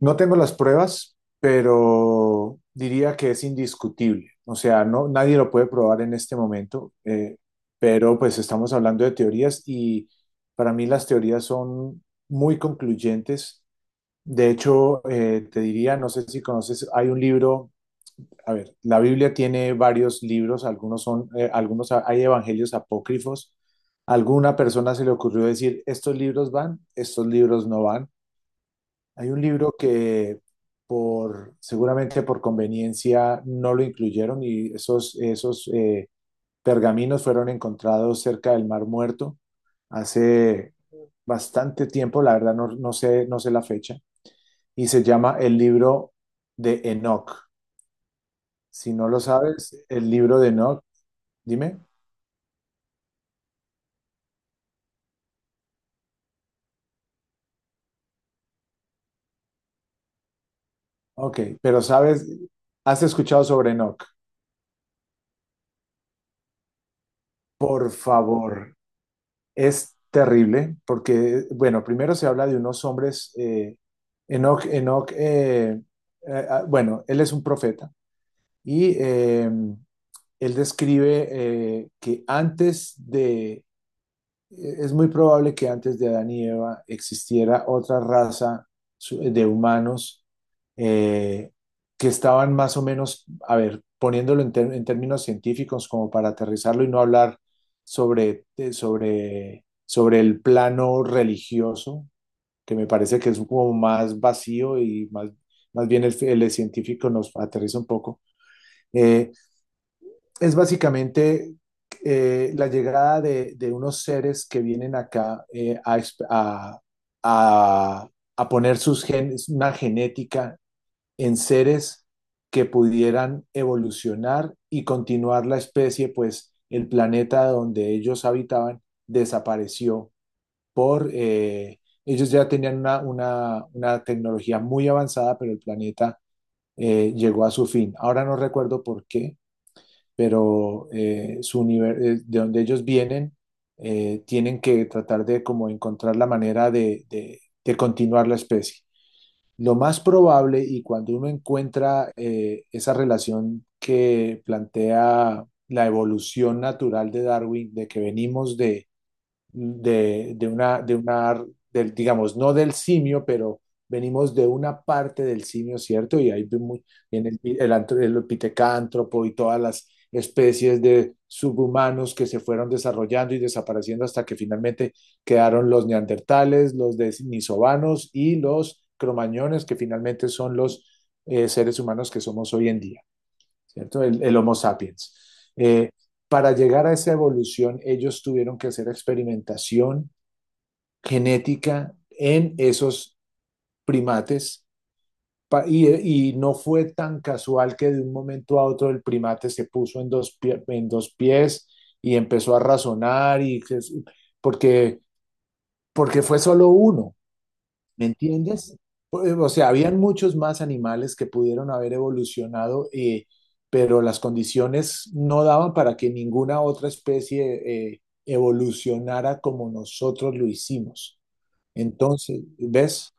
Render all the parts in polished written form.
No tengo las pruebas, pero diría que es indiscutible. O sea, no, nadie lo puede probar en este momento, pero pues estamos hablando de teorías y para mí las teorías son muy concluyentes. De hecho, te diría, no sé si conoces, hay un libro, a ver, la Biblia tiene varios libros, algunos son, algunos hay evangelios apócrifos. A alguna persona se le ocurrió decir, estos libros van, estos libros no van. Hay un libro que por, seguramente por conveniencia no lo incluyeron, y esos, esos pergaminos fueron encontrados cerca del Mar Muerto hace bastante tiempo, la verdad no, no sé, no sé la fecha, y se llama el libro de Enoch. Si no lo sabes, el libro de Enoch, dime. Ok, pero sabes, has escuchado sobre Enoch. Por favor. Es terrible porque, bueno, primero se habla de unos hombres, Enoch, bueno, él es un profeta y él describe que antes de es muy probable que antes de Adán y Eva existiera otra raza de humanos, eh, que estaban más o menos, a ver, poniéndolo en, en términos científicos, como para aterrizarlo y no hablar sobre, sobre el plano religioso, que me parece que es como más vacío y, más, más bien el científico nos aterriza un poco. Eh, es básicamente la llegada de unos seres que vienen acá a, a- a poner sus genes, una genética en seres que pudieran evolucionar y continuar la especie, pues el planeta donde ellos habitaban desapareció por ellos ya tenían una, una tecnología muy avanzada, pero el planeta llegó a su fin. Ahora no recuerdo por qué, pero de donde ellos vienen, tienen que tratar de como encontrar la manera de continuar la especie. Lo más probable, y cuando uno encuentra esa relación que plantea la evolución natural de Darwin, de que venimos de una, del, digamos, no del simio, pero venimos de una parte del simio, ¿cierto? Y ahí vemos en el pitecántropo y todas las especies de subhumanos que se fueron desarrollando y desapareciendo hasta que finalmente quedaron los neandertales, los denisovanos y los cromañones, que finalmente son los seres humanos que somos hoy en día. ¿Cierto? El Homo sapiens. Eh, para llegar a esa evolución, ellos tuvieron que hacer experimentación genética en esos primates, y no fue tan casual que de un momento a otro el primate se puso en en dos pies y empezó a razonar, y porque, porque fue solo uno. ¿Me entiendes? Pues, o sea, habían muchos más animales que pudieron haber evolucionado, pero las condiciones no daban para que ninguna otra especie evolucionara como nosotros lo hicimos. Entonces, ¿ves?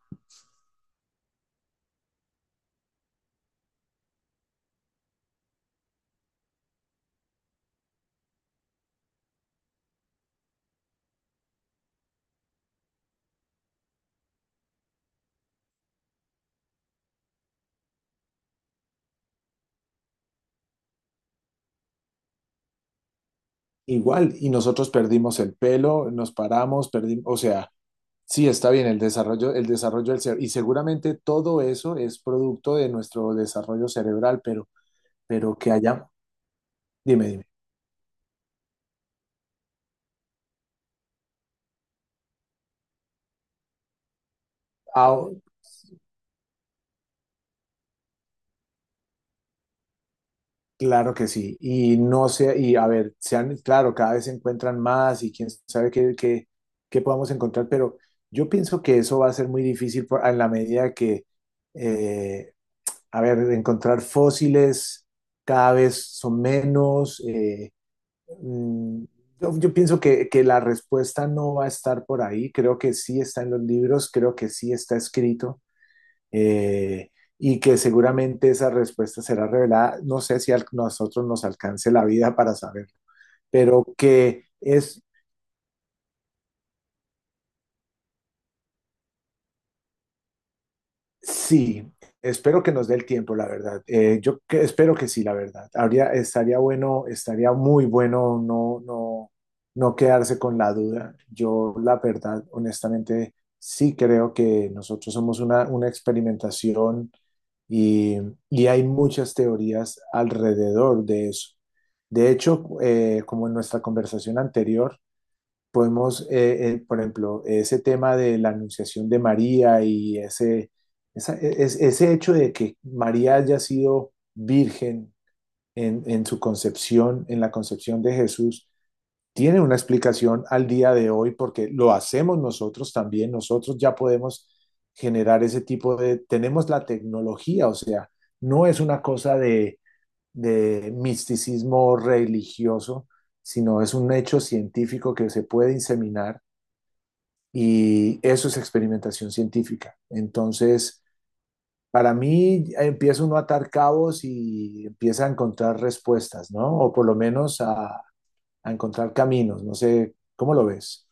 Igual, y nosotros perdimos el pelo, nos paramos, perdimos, o sea, sí, está bien el desarrollo del cerebro, y seguramente todo eso es producto de nuestro desarrollo cerebral, pero que haya, dime, dime. Ah, claro que sí. Y no sé, y a ver, sean, claro, cada vez se encuentran más y quién sabe qué, qué podamos encontrar, pero yo pienso que eso va a ser muy difícil en la medida que, eh, a ver, encontrar fósiles cada vez son menos. Mm, yo pienso que la respuesta no va a estar por ahí. Creo que sí está en los libros, creo que sí está escrito, eh, y que seguramente esa respuesta será revelada. No sé si a nosotros nos alcance la vida para saber, pero que es. Sí, espero que nos dé el tiempo, la verdad. Espero que sí, la verdad. Habría, estaría bueno, estaría muy bueno no, no, no quedarse con la duda. Yo, la verdad, honestamente, sí creo que nosotros somos una experimentación, y, y hay muchas teorías alrededor de eso. De hecho, como en nuestra conversación anterior, podemos, por ejemplo, ese tema de la anunciación de María y ese, ese hecho de que María haya sido virgen en su concepción, en la concepción de Jesús, tiene una explicación al día de hoy porque lo hacemos nosotros también, nosotros ya podemos generar ese tipo de, tenemos la tecnología, o sea, no es una cosa de misticismo religioso, sino es un hecho científico que se puede inseminar y eso es experimentación científica. Entonces, para mí empieza uno a atar cabos y empieza a encontrar respuestas, ¿no? O por lo menos a encontrar caminos, no sé, ¿cómo lo ves?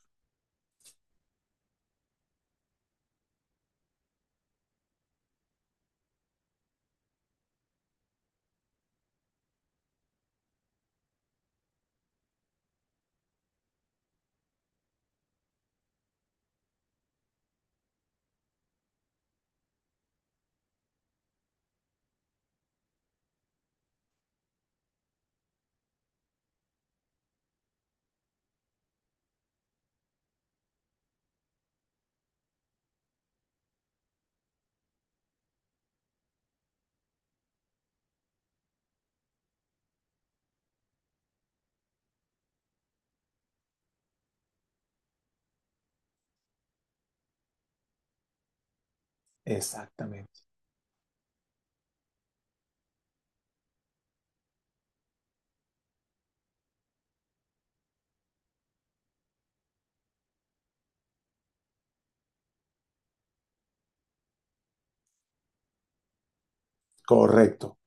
Exactamente. Correcto.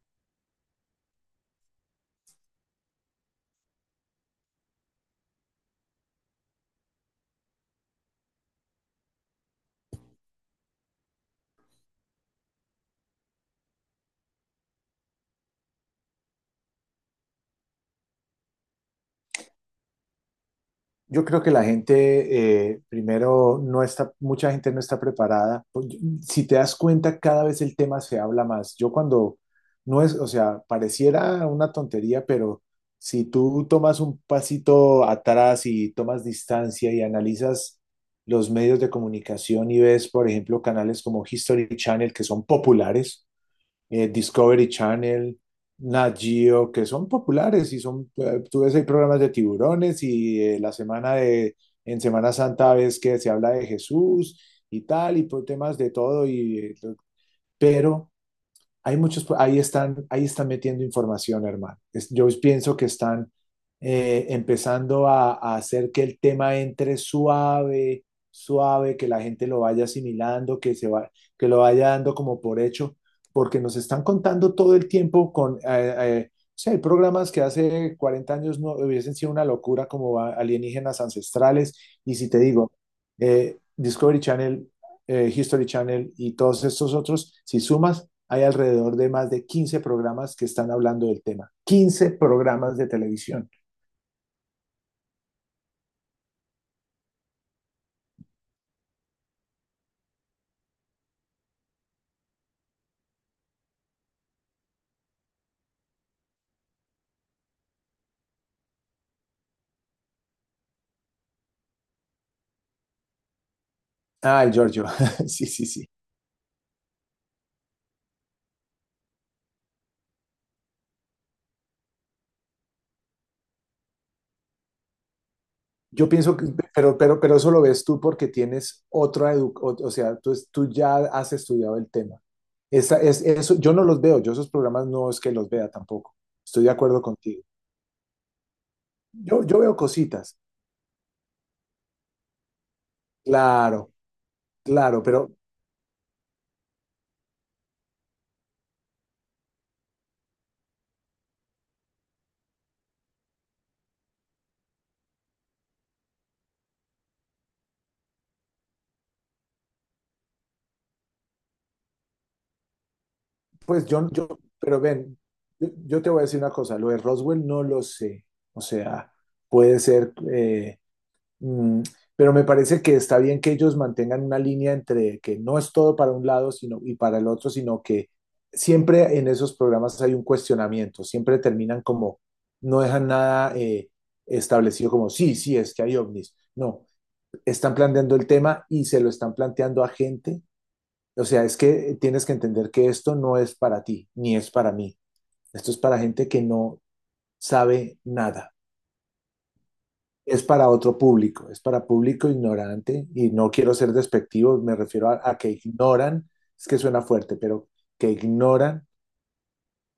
Yo creo que la gente, primero, no está, mucha gente no está preparada. Pues, si te das cuenta, cada vez el tema se habla más. No es, o sea, pareciera una tontería, pero si tú tomas un pasito atrás y tomas distancia y analizas los medios de comunicación y ves, por ejemplo, canales como History Channel, que son populares, Discovery Channel, Nat Geo, que son populares y son, tú ves, hay programas de tiburones y en Semana Santa ves que se habla de Jesús y tal, y por temas de todo, y, pero hay muchos, ahí están metiendo información, hermano. Yo pienso que están empezando a hacer que el tema entre suave, suave, que la gente lo vaya asimilando, que lo vaya dando como por hecho, porque nos están contando todo el tiempo con, o sea, hay programas que hace 40 años no hubiesen sido una locura como alienígenas ancestrales, y si te digo, Discovery Channel, History Channel y todos estos otros, si sumas, hay alrededor de más de 15 programas que están hablando del tema. 15 programas de televisión. Ay, Giorgio, sí, sí, sí. Yo pienso que, pero eso lo ves tú porque tienes otra educación, o sea, tú ya has estudiado el tema. Eso, yo no los veo, yo esos programas no es que los vea tampoco. Estoy de acuerdo contigo. Yo veo cositas, claro, claro, pero pues pero ven, yo te voy a decir una cosa, lo de Roswell no lo sé, o sea, puede ser, Mm, pero me parece que está bien que ellos mantengan una línea entre que no es todo para un lado sino, y para el otro, sino que siempre en esos programas hay un cuestionamiento, siempre terminan como, no dejan nada establecido como, sí, sí, es que hay ovnis. No, están planteando el tema y se lo están planteando a gente. O sea, es que tienes que entender que esto no es para ti, ni es para mí. Esto es para gente que no sabe nada. Es para otro público, es para público ignorante y no quiero ser despectivo, me refiero a que ignoran, es que suena fuerte, pero que ignoran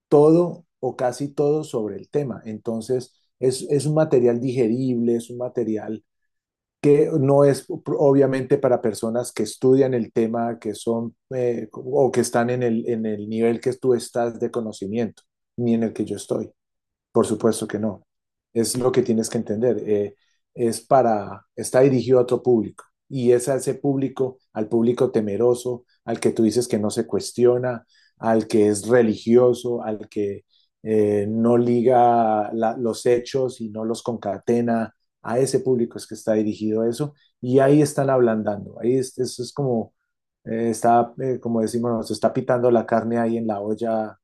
todo o casi todo sobre el tema. Entonces, es un material digerible, es un material que no es obviamente para personas que estudian el tema, que son o que están en el nivel que tú estás de conocimiento, ni en el que yo estoy. Por supuesto que no. Es lo que tienes que entender. Es para, está dirigido a otro público. Y es a ese público, al público temeroso, al que tú dices que no se cuestiona, al que es religioso, al que no liga los hechos y no los concatena. A ese público es que está dirigido eso. Y ahí están ablandando. Ahí es, eso es como, como decimos, se está pitando la carne ahí en la olla.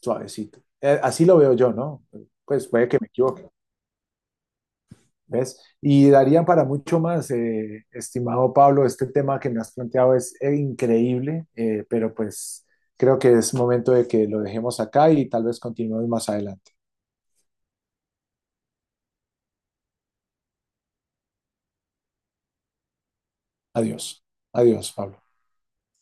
Suavecito. Así lo veo yo, ¿no? Pues puede que me equivoque, ¿ves? Y darían para mucho más, estimado Pablo, este tema que me has planteado es increíble, pero pues creo que es momento de que lo dejemos acá y tal vez continuemos más adelante. Adiós, adiós, Pablo.